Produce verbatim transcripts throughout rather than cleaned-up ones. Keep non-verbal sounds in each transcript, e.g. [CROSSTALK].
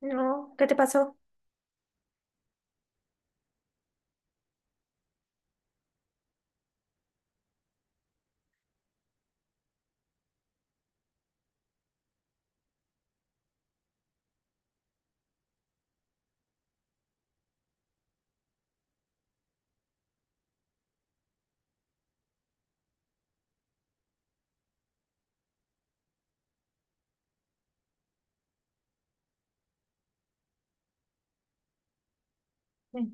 No, ¿qué te pasó? Mm.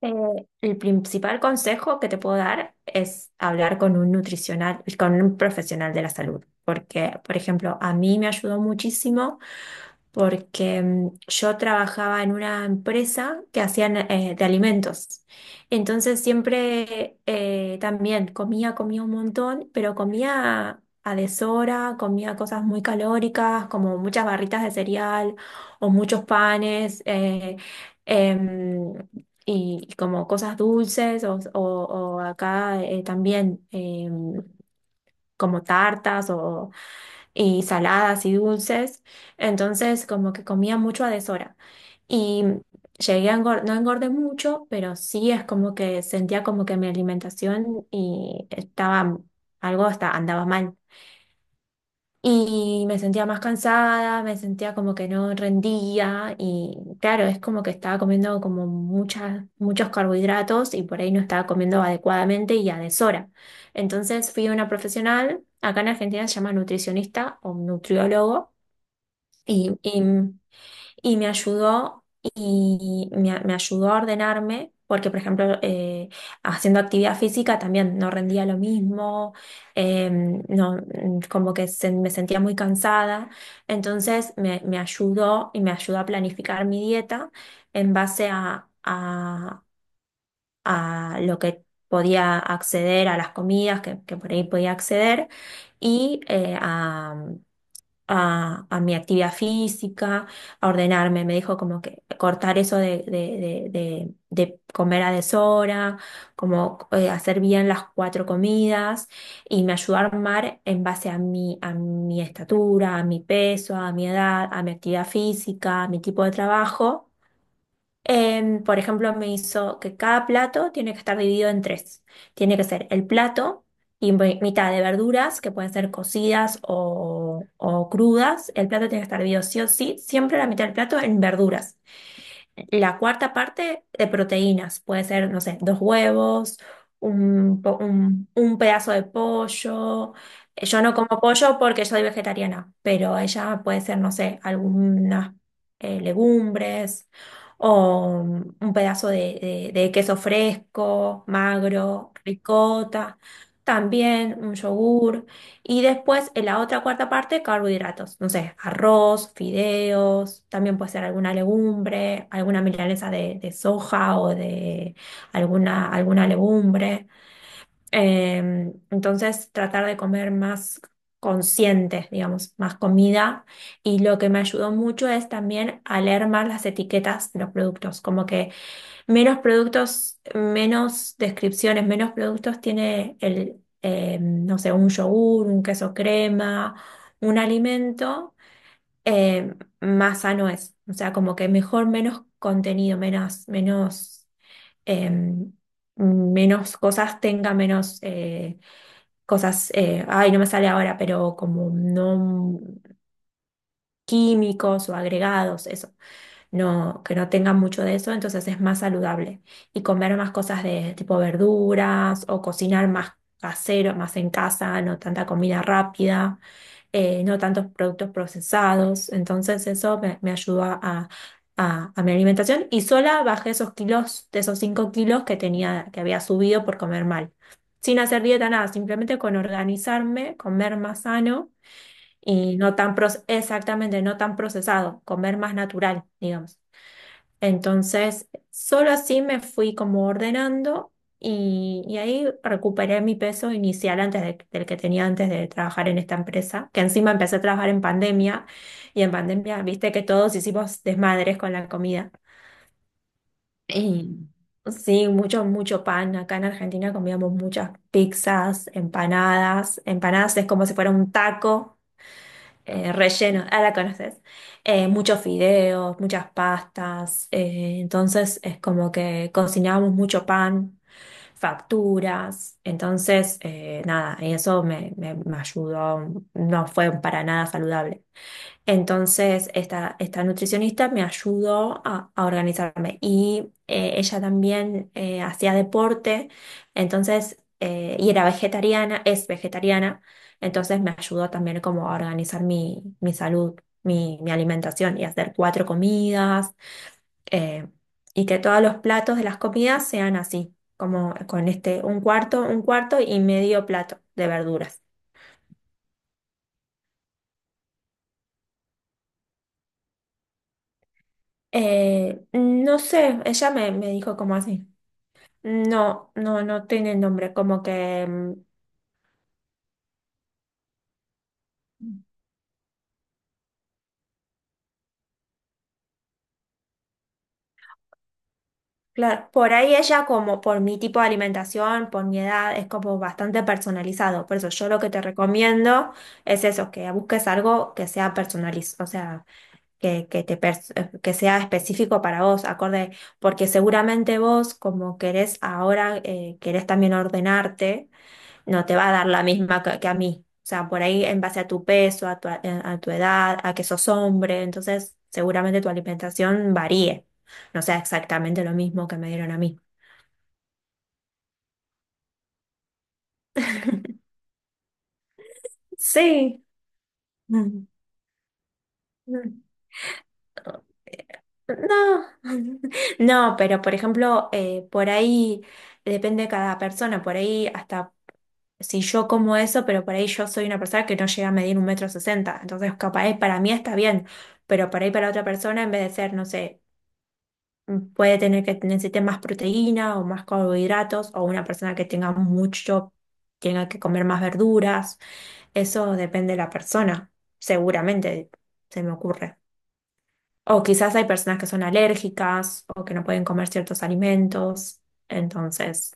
Eh, el principal consejo que te puedo dar es hablar con un nutricional, con un profesional de la salud, porque, por ejemplo, a mí me ayudó muchísimo porque mm, yo trabajaba en una empresa que hacían eh, de alimentos. Entonces siempre eh, también comía, comía un montón, pero comía a deshora, comía cosas muy calóricas, como muchas barritas de cereal o muchos panes. eh, em, Y como cosas dulces o, o- o acá eh, también em, como tartas y saladas y dulces, entonces como que comía mucho a deshora. Y llegué a engordar, no engordé mucho, pero sí es como que sentía como que mi alimentación y estaba algo hasta andaba mal. Y me sentía más cansada, me sentía como que no rendía y claro, es como que estaba comiendo como muchas, muchos carbohidratos y por ahí no estaba comiendo adecuadamente y a deshora. Entonces fui a una profesional, acá en Argentina se llama nutricionista o nutriólogo y, y y me ayudó y me, a- me ayudó a ordenarme porque, por ejemplo, eh, haciendo actividad física también no rendía lo mismo, eh, no, mm, como que se- me sentía muy cansada. Entonces me, me ayudó y me ayudó a planificar mi dieta en base a, a- a lo que podía acceder a las comidas que, que por ahí podía acceder y a, a mi actividad física, a ordenarme. Me dijo como que cortar eso de, de, de, de- de comer a deshora, como eh, hacer bien las cuatro comidas y me ayudó a armar en base a mi, a mi estatura, a mi peso, a mi edad, a mi actividad física, a mi tipo de trabajo. Em, por ejemplo, me hizo que cada plato tiene que estar dividido en tres. Tiene que ser el plato y mi- mitad de verduras, que pueden ser cocidas o, o crudas. El plato tiene que estar dividido sí o sí, siempre la mitad del plato en verduras. La cuarta parte de proteínas, puede ser, no sé, dos huevos, un, po- un- un pedazo de pollo. Yo no como pollo porque soy vegetariana, pero ella puede ser, no sé, algunas eh, legumbres o un pedazo de, de- de queso fresco, magro, ricota, también un yogur. Y después, en la otra cuarta parte, carbohidratos. No sé, arroz, fideos, también puede ser alguna legumbre, alguna milanesa de, de soja o de alguna, alguna legumbre. Eh, entonces, tratar de comer más consciente, digamos, más comida. Y lo que me ayudó mucho es también a leer más las etiquetas de los productos. Como que menos productos, menos descripciones, menos productos tiene el, eh, no sé, un yogur, un queso crema, un alimento, eh, más sano es. O sea, como que mejor menos contenido, menos, menos, em, menos cosas tenga, menos eh, cosas, eh, ay, no me sale ahora, pero como no químicos o agregados, eso no, que no tengan mucho de eso, entonces es más saludable. Y comer más cosas de tipo verduras o cocinar más casero, más en casa, no tanta comida rápida, eh, no tantos productos procesados. Entonces eso me, me ayudó a, a- a mi alimentación y sola bajé esos kilos, de esos cinco kilos que tenía, que había subido por comer mal. Sin hacer dieta, nada, simplemente con organizarme, comer más sano y no tan, proce- exactamente, no tan procesado, comer más natural, digamos. Entonces, solo así me fui como ordenando y, y ahí recuperé mi peso inicial antes de- del que tenía antes de trabajar en esta empresa, que encima empecé a trabajar en pandemia y en pandemia viste que todos hicimos desmadres con la comida. Y sí, mucho, mucho pan. Acá en Argentina comíamos muchas pizzas, empanadas. Empanadas es como si fuera un taco eh, relleno, ah, la conoces, eh, muchos fideos, muchas pastas, eh, entonces es como que cocinábamos mucho pan, facturas, entonces eh, nada, y eso me, me, me ayudó, no fue para nada saludable. Entonces, esta, esta nutricionista me ayudó a, a organizarme y eh, ella también eh, hacía deporte, entonces, eh, y era vegetariana, es vegetariana, entonces me ayudó también como a organizar mi, mi salud, mi, mi alimentación y hacer cuatro comidas eh, y que todos los platos de las comidas sean así, como con este, un cuarto, un cuarto y medio plato de verduras. Eh, no sé, ella me, me dijo como así. No, no, no tiene nombre, como que mm, claro, por ahí ella como por mi tipo de alimentación, por mi edad, es como bastante personalizado. Por eso yo lo que te recomiendo es eso, que busques algo que sea personalizado, o sea, que, que te pers- eh, que sea específico para vos, acorde, porque seguramente vos como querés ahora, eh, querés también ordenarte, no te va a dar la misma que, que a mí. O sea, por ahí en base a tu peso, a tu, a tu edad, a que sos hombre, entonces seguramente tu alimentación varíe no sea exactamente lo mismo que me dieron a mí. [LAUGHS] Sí. Mm. No, [LAUGHS] no, pero por ejemplo, eh, por ahí depende de cada persona, por ahí hasta si yo como eso, pero por ahí yo soy una persona que no llega a medir un metro sesenta, entonces capaz es- para mí está bien, pero por ahí para otra persona en vez de ser, no sé, mm, puede tener que necesite más proteína o más carbohidratos o una persona que tenga mucho, tenga que comer más verduras. Eso depende de la persona, seguramente se me ocurre. O quizás hay personas que son alérgicas o que no pueden comer ciertos alimentos. Entonces,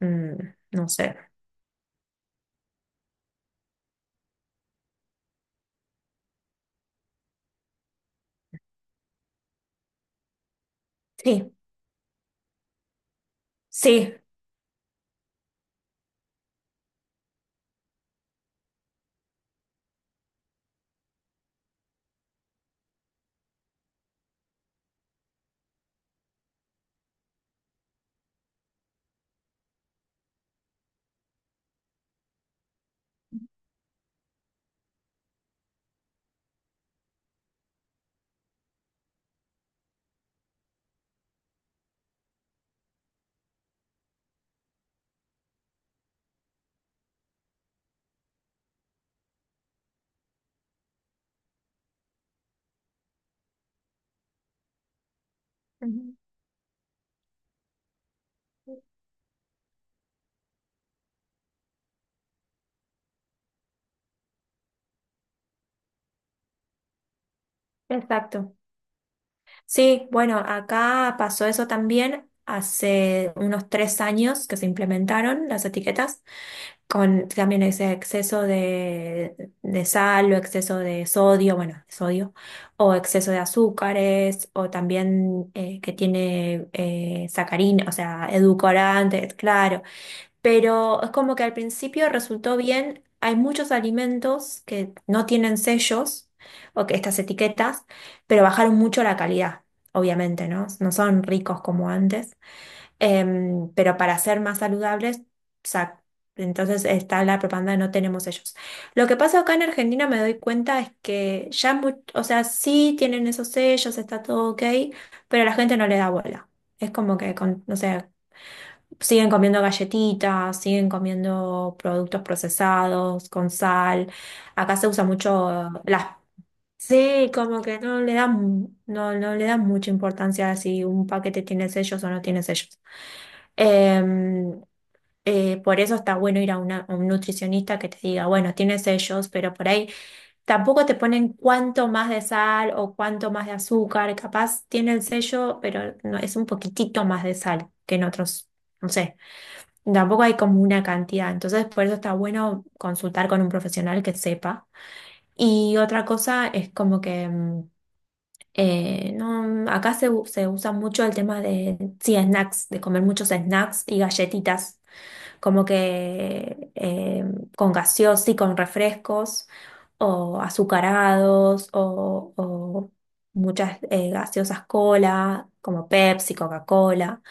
mm, no sé. Sí, sí, ujú. Exacto. Sí, bueno, acá pasó eso también hace unos tres años que se implementaron las etiquetas, con también ese exceso de, de sal o exceso de sodio, bueno, sodio, o exceso de azúcares, o también eh, que tiene eh, sacarina, o sea, edulcorantes, claro. Pero es como que al principio resultó bien. Hay muchos alimentos que no tienen sellos o que estas etiquetas, pero bajaron mucho la calidad, obviamente, ¿no? No son ricos como antes. Em, pero para ser más saludables, sa- entonces está la propaganda de no tenemos sellos. Lo que pasa acá en Argentina me doy cuenta es que ya, mu- o sea, sí tienen esos sellos, está todo ok, pero la gente no le da bola. Es como que, con, no sé, siguen comiendo galletitas, siguen comiendo productos procesados con sal. Acá se usa mucho las. Sí, como que no le dan, no, no le dan mucha importancia a si un paquete tiene sellos o no tiene sellos. Eh, eh, por eso está bueno ir a, una- a un nutricionista que te diga, bueno, tiene sellos, pero por ahí tampoco te ponen cuánto más de sal o cuánto más de azúcar. Capaz tiene el sello, pero no, es un poquitito más de sal que en otros, no sé. Tampoco hay como una cantidad, entonces por eso está bueno consultar con un profesional que sepa. Y otra cosa es como que mm, eh, no, acá se, u- se usa mucho el tema de, sí, snacks, de comer muchos snacks y galletitas como que eh, con gaseos y con refrescos o azucarados o, o muchas eh, gaseosas cola, como Pepsi, Coca-Cola,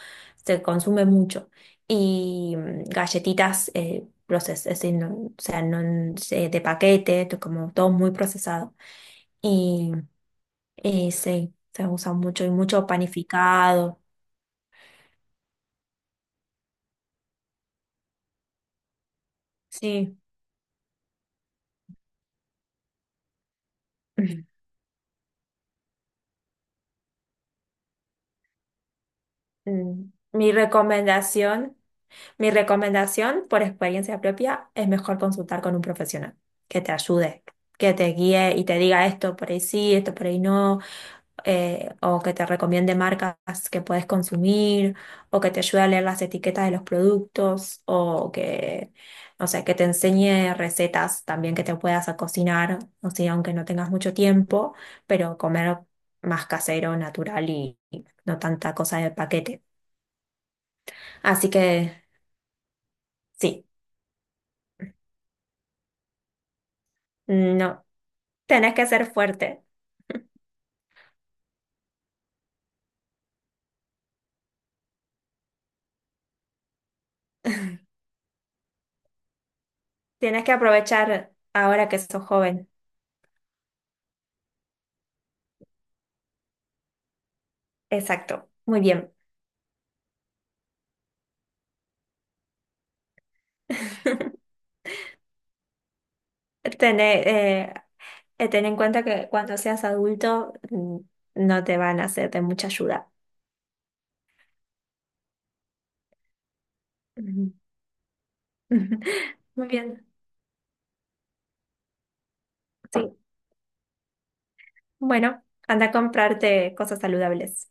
se consume mucho. Y mm, galletitas eh, proces- es decir, no- o sea, no- se- de paquete, to- como todo muy procesado. Y, y sí, se usa mucho y mucho panificado. Sí. [LAUGHS] Mm. Mi recomendación. Mi recomendación, por experiencia propia, es mejor consultar con un profesional que te ayude, que te guíe y te diga esto por ahí sí, esto por ahí no, eh, o que te recomiende marcas que puedes consumir, o que te ayude a leer las etiquetas de los productos, o que, no sé, que te enseñe recetas también que te puedas a cocinar, o sea, aunque no tengas mucho tiempo, pero comer más casero, natural y y no tanta cosa de paquete. Así que sí. No, tenés que ser fuerte. Tienes que aprovechar ahora que sos joven. Exacto. Muy bien. [LAUGHS] Tener, eh, eh, Ten en cuenta que cuando seas adulto mm, no te van a hacer de mucha ayuda. Ujú. [LAUGHS] Muy bien. Sí. Bueno, anda a comprarte cosas saludables.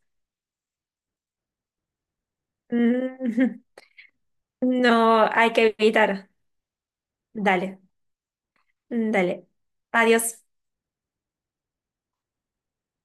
Mm. [LAUGHS] No hay que evitar. Dale, dale. Adiós.